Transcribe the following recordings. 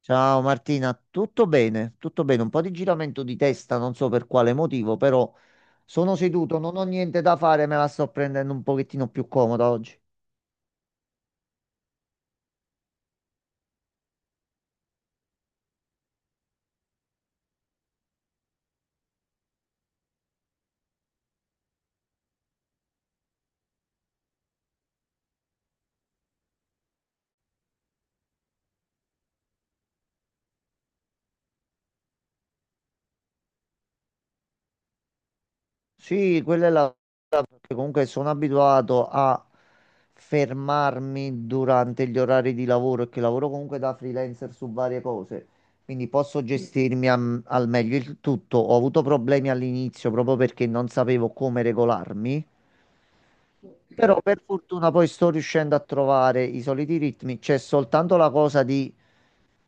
Ciao Martina, tutto bene? Tutto bene, un po' di giramento di testa, non so per quale motivo, però sono seduto, non ho niente da fare, me la sto prendendo un pochettino più comoda oggi. Sì, quella è la... perché comunque sono abituato a fermarmi durante gli orari di lavoro e che lavoro comunque da freelancer su varie cose, quindi posso gestirmi al meglio il tutto. Ho avuto problemi all'inizio proprio perché non sapevo come regolarmi. Però per fortuna poi sto riuscendo a trovare i soliti ritmi, c'è soltanto la cosa di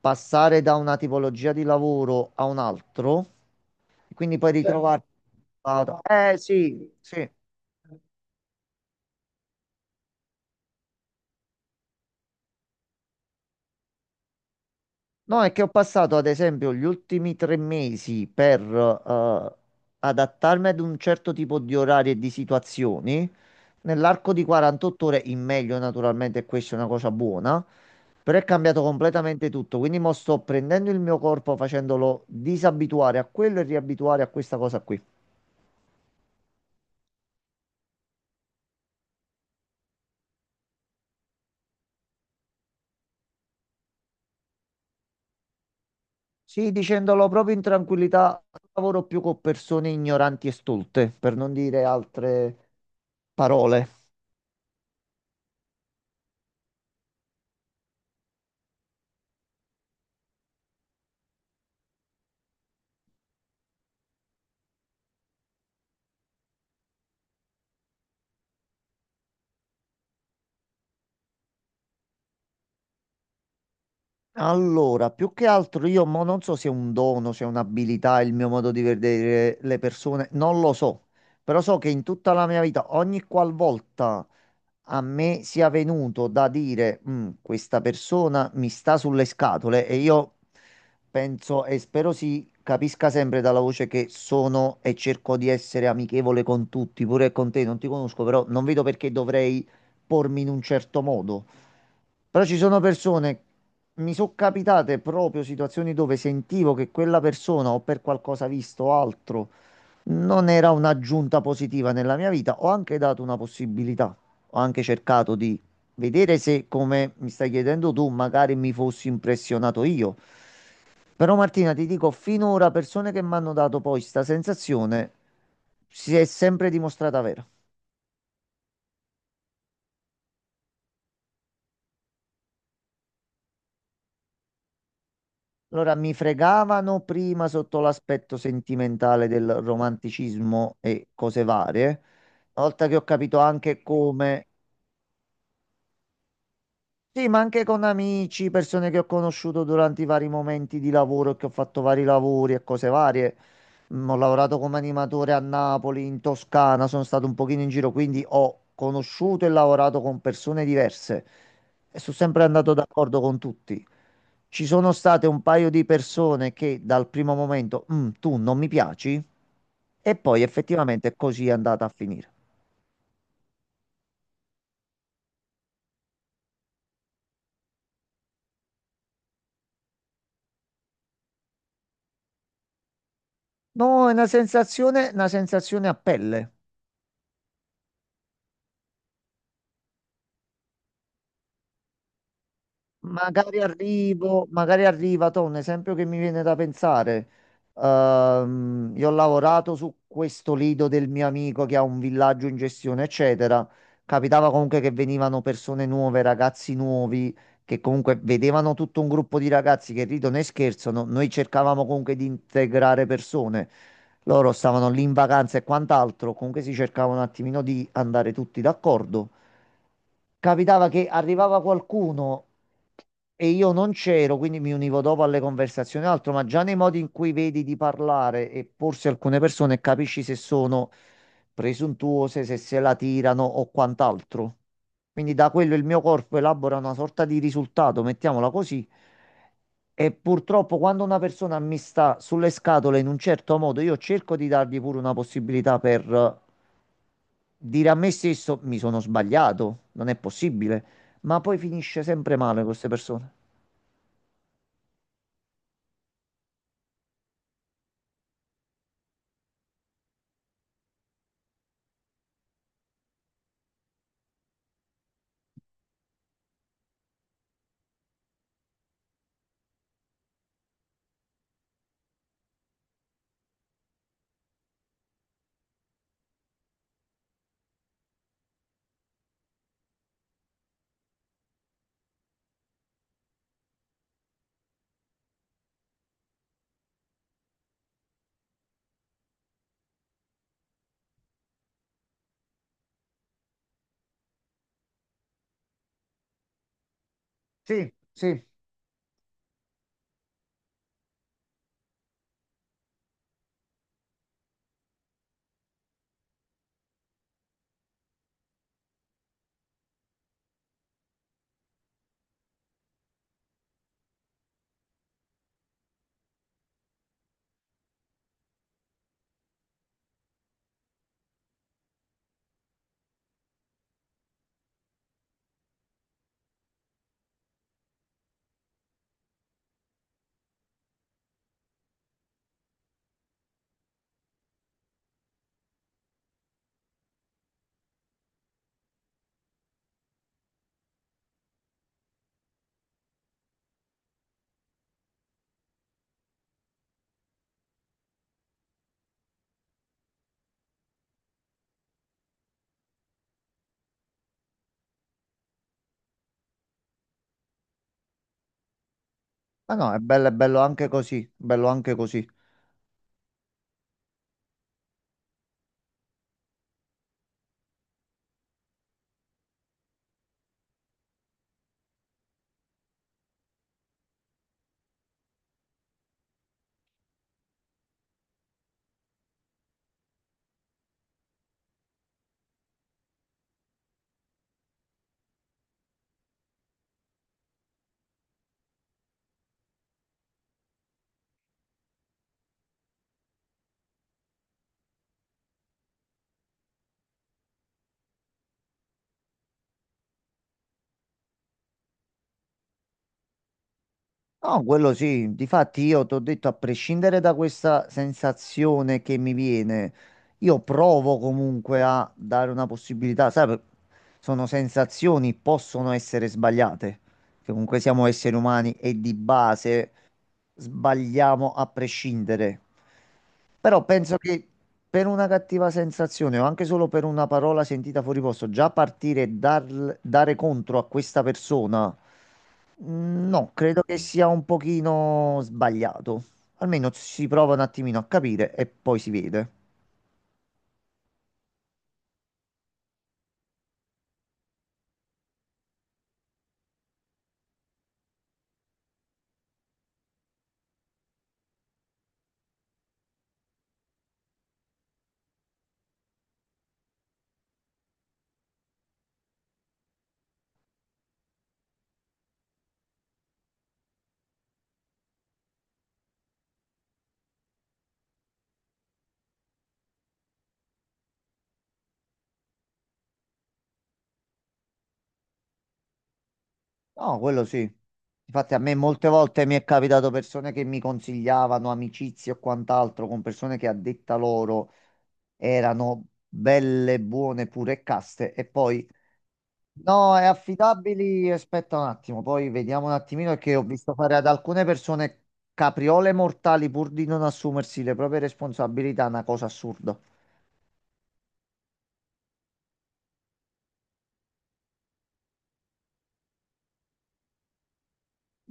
passare da una tipologia di lavoro a un altro, e quindi poi Certo. Ritrovarti. Eh sì, sì. No, è che ho passato ad esempio gli ultimi 3 mesi per adattarmi ad un certo tipo di orari e di situazioni. Nell'arco di 48 ore, in meglio naturalmente, questa è una cosa buona, però è cambiato completamente tutto. Quindi mo sto prendendo il mio corpo, facendolo disabituare a quello e riabituare a questa cosa qui. Sì, dicendolo proprio in tranquillità, non lavoro più con persone ignoranti e stolte, per non dire altre parole. Allora, più che altro io mo non so se è un dono, se è un'abilità, il mio modo di vedere le persone, non lo so, però so che in tutta la mia vita, ogni qualvolta a me sia venuto da dire, "Mm, questa persona mi sta sulle scatole e io penso e spero si capisca sempre dalla voce che sono e cerco di essere amichevole con tutti, pure con te, non ti conosco, però non vedo perché dovrei pormi in un certo modo. Però ci sono persone, mi sono capitate proprio situazioni dove sentivo che quella persona o per qualcosa visto o altro non era un'aggiunta positiva nella mia vita. Ho anche dato una possibilità, ho anche cercato di vedere se, come mi stai chiedendo tu, magari mi fossi impressionato io. Però Martina, ti dico, finora persone che mi hanno dato poi questa sensazione si è sempre dimostrata vera. Allora, mi fregavano prima sotto l'aspetto sentimentale del romanticismo e cose varie. Una volta che ho capito anche come Sì, ma anche con amici, persone che ho conosciuto durante i vari momenti di lavoro, che ho fatto vari lavori e cose varie. Ho lavorato come animatore a Napoli, in Toscana, sono stato un pochino in giro, quindi ho conosciuto e lavorato con persone diverse e sono sempre andato d'accordo con tutti. Ci sono state un paio di persone che dal primo momento, "Mm, tu non mi piaci, e poi effettivamente così è andata a finire. No, è una sensazione a pelle. Magari arrivo, magari arriva, to, un esempio che mi viene da pensare. Io ho lavorato su questo lido del mio amico che ha un villaggio in gestione, eccetera. Capitava comunque che venivano persone nuove, ragazzi nuovi, che comunque vedevano tutto un gruppo di ragazzi che ridono e scherzano. Noi cercavamo comunque di integrare persone. Loro stavano lì in vacanza e quant'altro, comunque si cercava un attimino di andare tutti d'accordo. Capitava che arrivava qualcuno. E io non c'ero, quindi mi univo dopo alle conversazioni e altro, ma già nei modi in cui vedi di parlare e porsi alcune persone capisci se sono presuntuose, se se la tirano o quant'altro. Quindi da quello il mio corpo elabora una sorta di risultato, mettiamola così. E purtroppo quando una persona mi sta sulle scatole in un certo modo, io cerco di dargli pure una possibilità per dire a me stesso mi sono sbagliato, non è possibile ma poi finisce sempre male con queste persone. Sì, sì. Ma no, è bello anche così, bello anche così. No, quello sì, difatti io ti ho detto, a prescindere da questa sensazione che mi viene, io provo comunque a dare una possibilità, sai, per- sono sensazioni, possono essere sbagliate, che comunque siamo esseri umani e di base sbagliamo a prescindere. Però penso che per una cattiva sensazione o anche solo per una parola sentita fuori posto, già partire e dare contro a questa persona, no, credo che sia un pochino sbagliato. Almeno si prova un attimino a capire e poi si vede. No, quello sì. Infatti a me molte volte mi è capitato persone che mi consigliavano amicizie o quant'altro con persone che a detta loro erano belle, buone, pure e caste e poi No, è affidabili, aspetta un attimo, poi vediamo un attimino perché ho visto fare ad alcune persone capriole mortali pur di non assumersi le proprie responsabilità, una cosa assurda.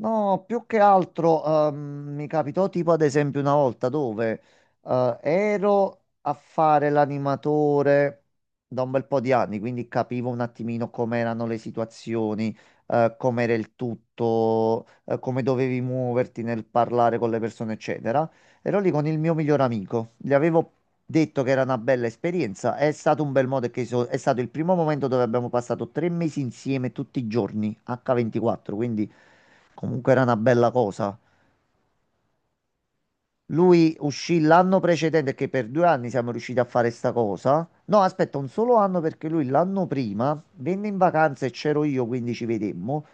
No, più che altro ehm, mi capitò tipo ad esempio una volta dove ero a fare l'animatore da un bel po' di anni, quindi capivo un attimino com'erano le situazioni, com'era il tutto, come dovevi muoverti nel parlare con le persone, eccetera. Ero lì con il mio miglior amico, gli avevo detto che era una bella esperienza. È stato un bel modo che so- è stato il primo momento dove abbiamo passato 3 mesi insieme tutti i giorni, H24, quindi comunque era una bella cosa. Lui uscì l'anno precedente, che per 2 anni siamo riusciti a fare sta cosa. No, aspetta, un solo anno perché lui l'anno prima venne in vacanza e c'ero io, quindi ci vedemmo.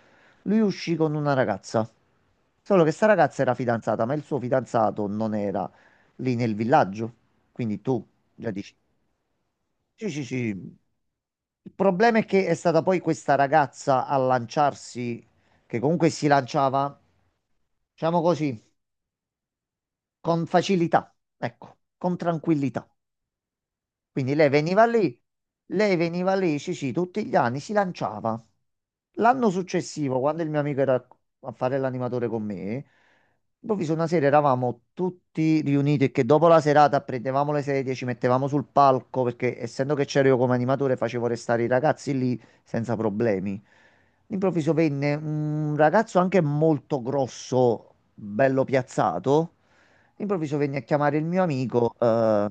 Lui uscì con una ragazza. Solo che sta ragazza era fidanzata, ma il suo fidanzato non era lì nel villaggio. Quindi tu già dici, sì, sì, sì. Il problema è che è stata poi questa ragazza a lanciarsi, che comunque si lanciava, diciamo così, con facilità, ecco, con tranquillità. Quindi lei veniva lì, sì, sì, tutti gli anni si lanciava. L'anno successivo, quando il mio amico era a fare l'animatore con me, improvviso una sera eravamo tutti riuniti e che dopo la serata prendevamo le sedie, ci mettevamo sul palco, perché essendo che c'ero io come animatore facevo restare i ragazzi lì senza problemi. All'improvviso venne un ragazzo anche molto grosso, bello piazzato. Improvviso venne a chiamare il mio amico,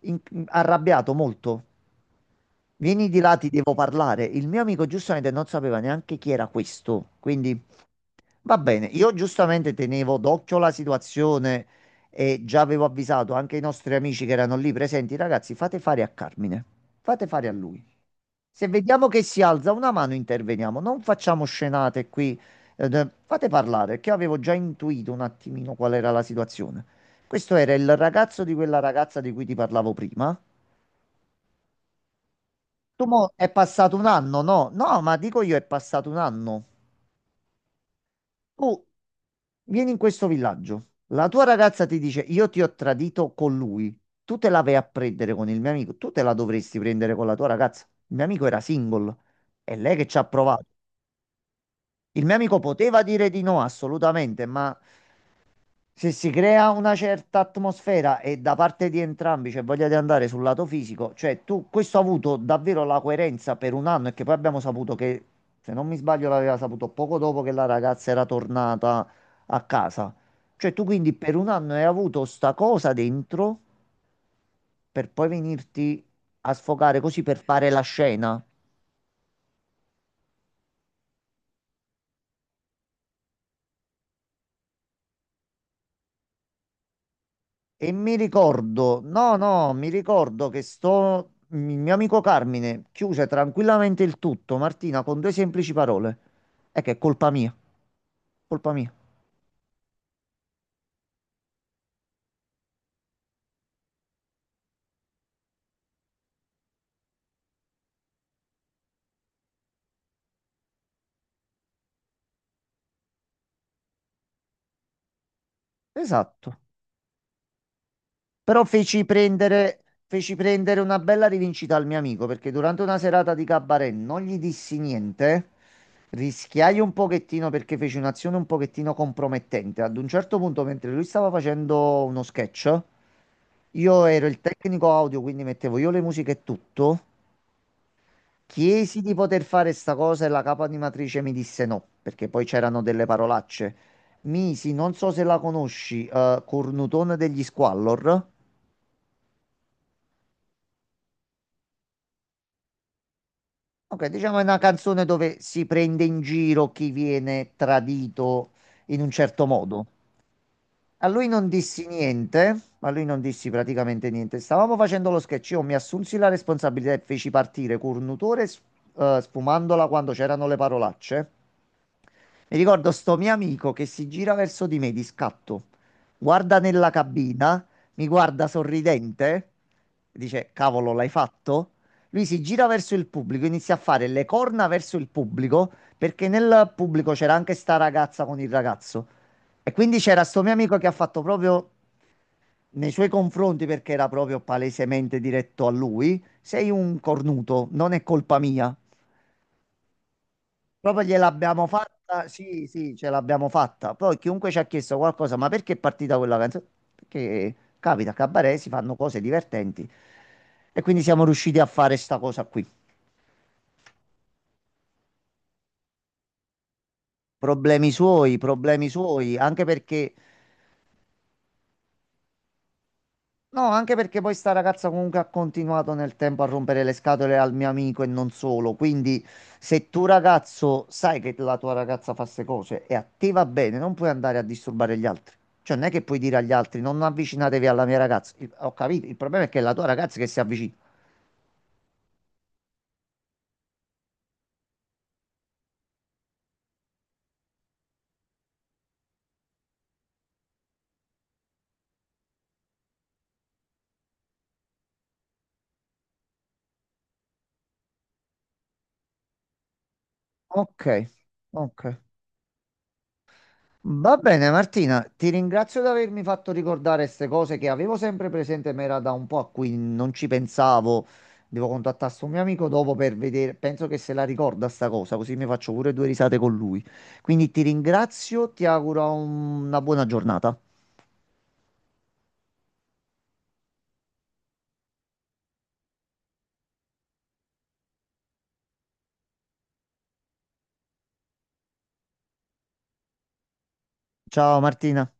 in- arrabbiato molto. Vieni di là, ti devo parlare. Il mio amico giustamente non sapeva neanche chi era questo, quindi va bene. Io giustamente tenevo d'occhio la situazione e già avevo avvisato anche i nostri amici che erano lì presenti, ragazzi, fate fare a Carmine, fate fare a lui. Se vediamo che si alza una mano, interveniamo. Non facciamo scenate qui. Fate parlare, perché io avevo già intuito un attimino qual era la situazione. Questo era il ragazzo di quella ragazza di cui ti parlavo prima. Tu mo è passato un anno, no? No, ma dico io è passato un anno. Tu vieni in questo villaggio. La tua ragazza ti dice: Io ti ho tradito con lui. Tu te la vai a prendere con il mio amico. Tu te la dovresti prendere con la tua ragazza. Il mio amico era single. È lei che ci ha provato. Il mio amico poteva dire di no, assolutamente, ma se si crea una certa atmosfera e da parte di entrambi c'è voglia di andare sul lato fisico, cioè tu, questo ha avuto davvero la coerenza per un anno e che poi abbiamo saputo che, se non mi sbaglio, l'aveva saputo poco dopo che la ragazza era tornata a casa. Cioè tu quindi per un anno hai avuto sta cosa dentro per poi venirti a sfogare così per fare la scena. E mi ricordo, no, no, mi ricordo che sto, il mio amico Carmine chiuse tranquillamente il tutto, Martina, con due semplici parole. È che è colpa mia, colpa mia. Esatto. Però feci prendere una bella rivincita al mio amico perché durante una serata di cabaret non gli dissi niente, rischiai un pochettino perché feci un'azione un pochettino compromettente. Ad un certo punto, mentre lui stava facendo uno sketch, io ero il tecnico audio, quindi mettevo io le musiche e tutto. Chiesi di poter fare sta cosa e la capo animatrice mi disse no, perché poi c'erano delle parolacce. Misi, non so se la conosci, Cornutone degli Squallor. Ok, diciamo è una canzone dove si prende in giro chi viene tradito in un certo modo. A lui non dissi niente, a lui non dissi praticamente niente. Stavamo facendo lo sketch, io mi assunsi la responsabilità e feci partire sfumandola quando c'erano le parolacce. Mi ricordo sto mio amico che si gira verso di me di scatto, guarda nella cabina, mi guarda sorridente, dice: Cavolo, l'hai fatto? Lui si gira verso il pubblico, inizia a fare le corna verso il pubblico, perché nel pubblico c'era anche sta ragazza con il ragazzo. E quindi c'era sto mio amico che ha fatto proprio nei suoi confronti, perché era proprio palesemente diretto a lui: Sei un cornuto, non è colpa mia. Proprio gliel'abbiamo fatta, sì, sì, ce l'abbiamo fatta. Poi chiunque ci ha chiesto qualcosa, ma perché è partita quella canzone? Perché capita, a cabaret si fanno cose divertenti e quindi siamo riusciti a fare sta cosa qui. Problemi suoi, anche perché No, anche perché poi sta ragazza comunque ha continuato nel tempo a rompere le scatole al mio amico e non solo. Quindi, se tu ragazzo sai che la tua ragazza fa queste cose e a te va bene, non puoi andare a disturbare gli altri. Cioè, non è che puoi dire agli altri non avvicinatevi alla mia ragazza. Il- ho capito, il problema è che è la tua ragazza che si avvicina. Ok, ok. Va bene Martina, ti ringrazio di avermi fatto ricordare queste cose che avevo sempre presente, ma era da un po' a cui non ci pensavo. Devo contattare sto mio amico dopo per vedere, penso che se la ricorda sta cosa, così mi faccio pure due risate con lui. Quindi ti ringrazio, ti auguro una buona giornata. Ciao Martina.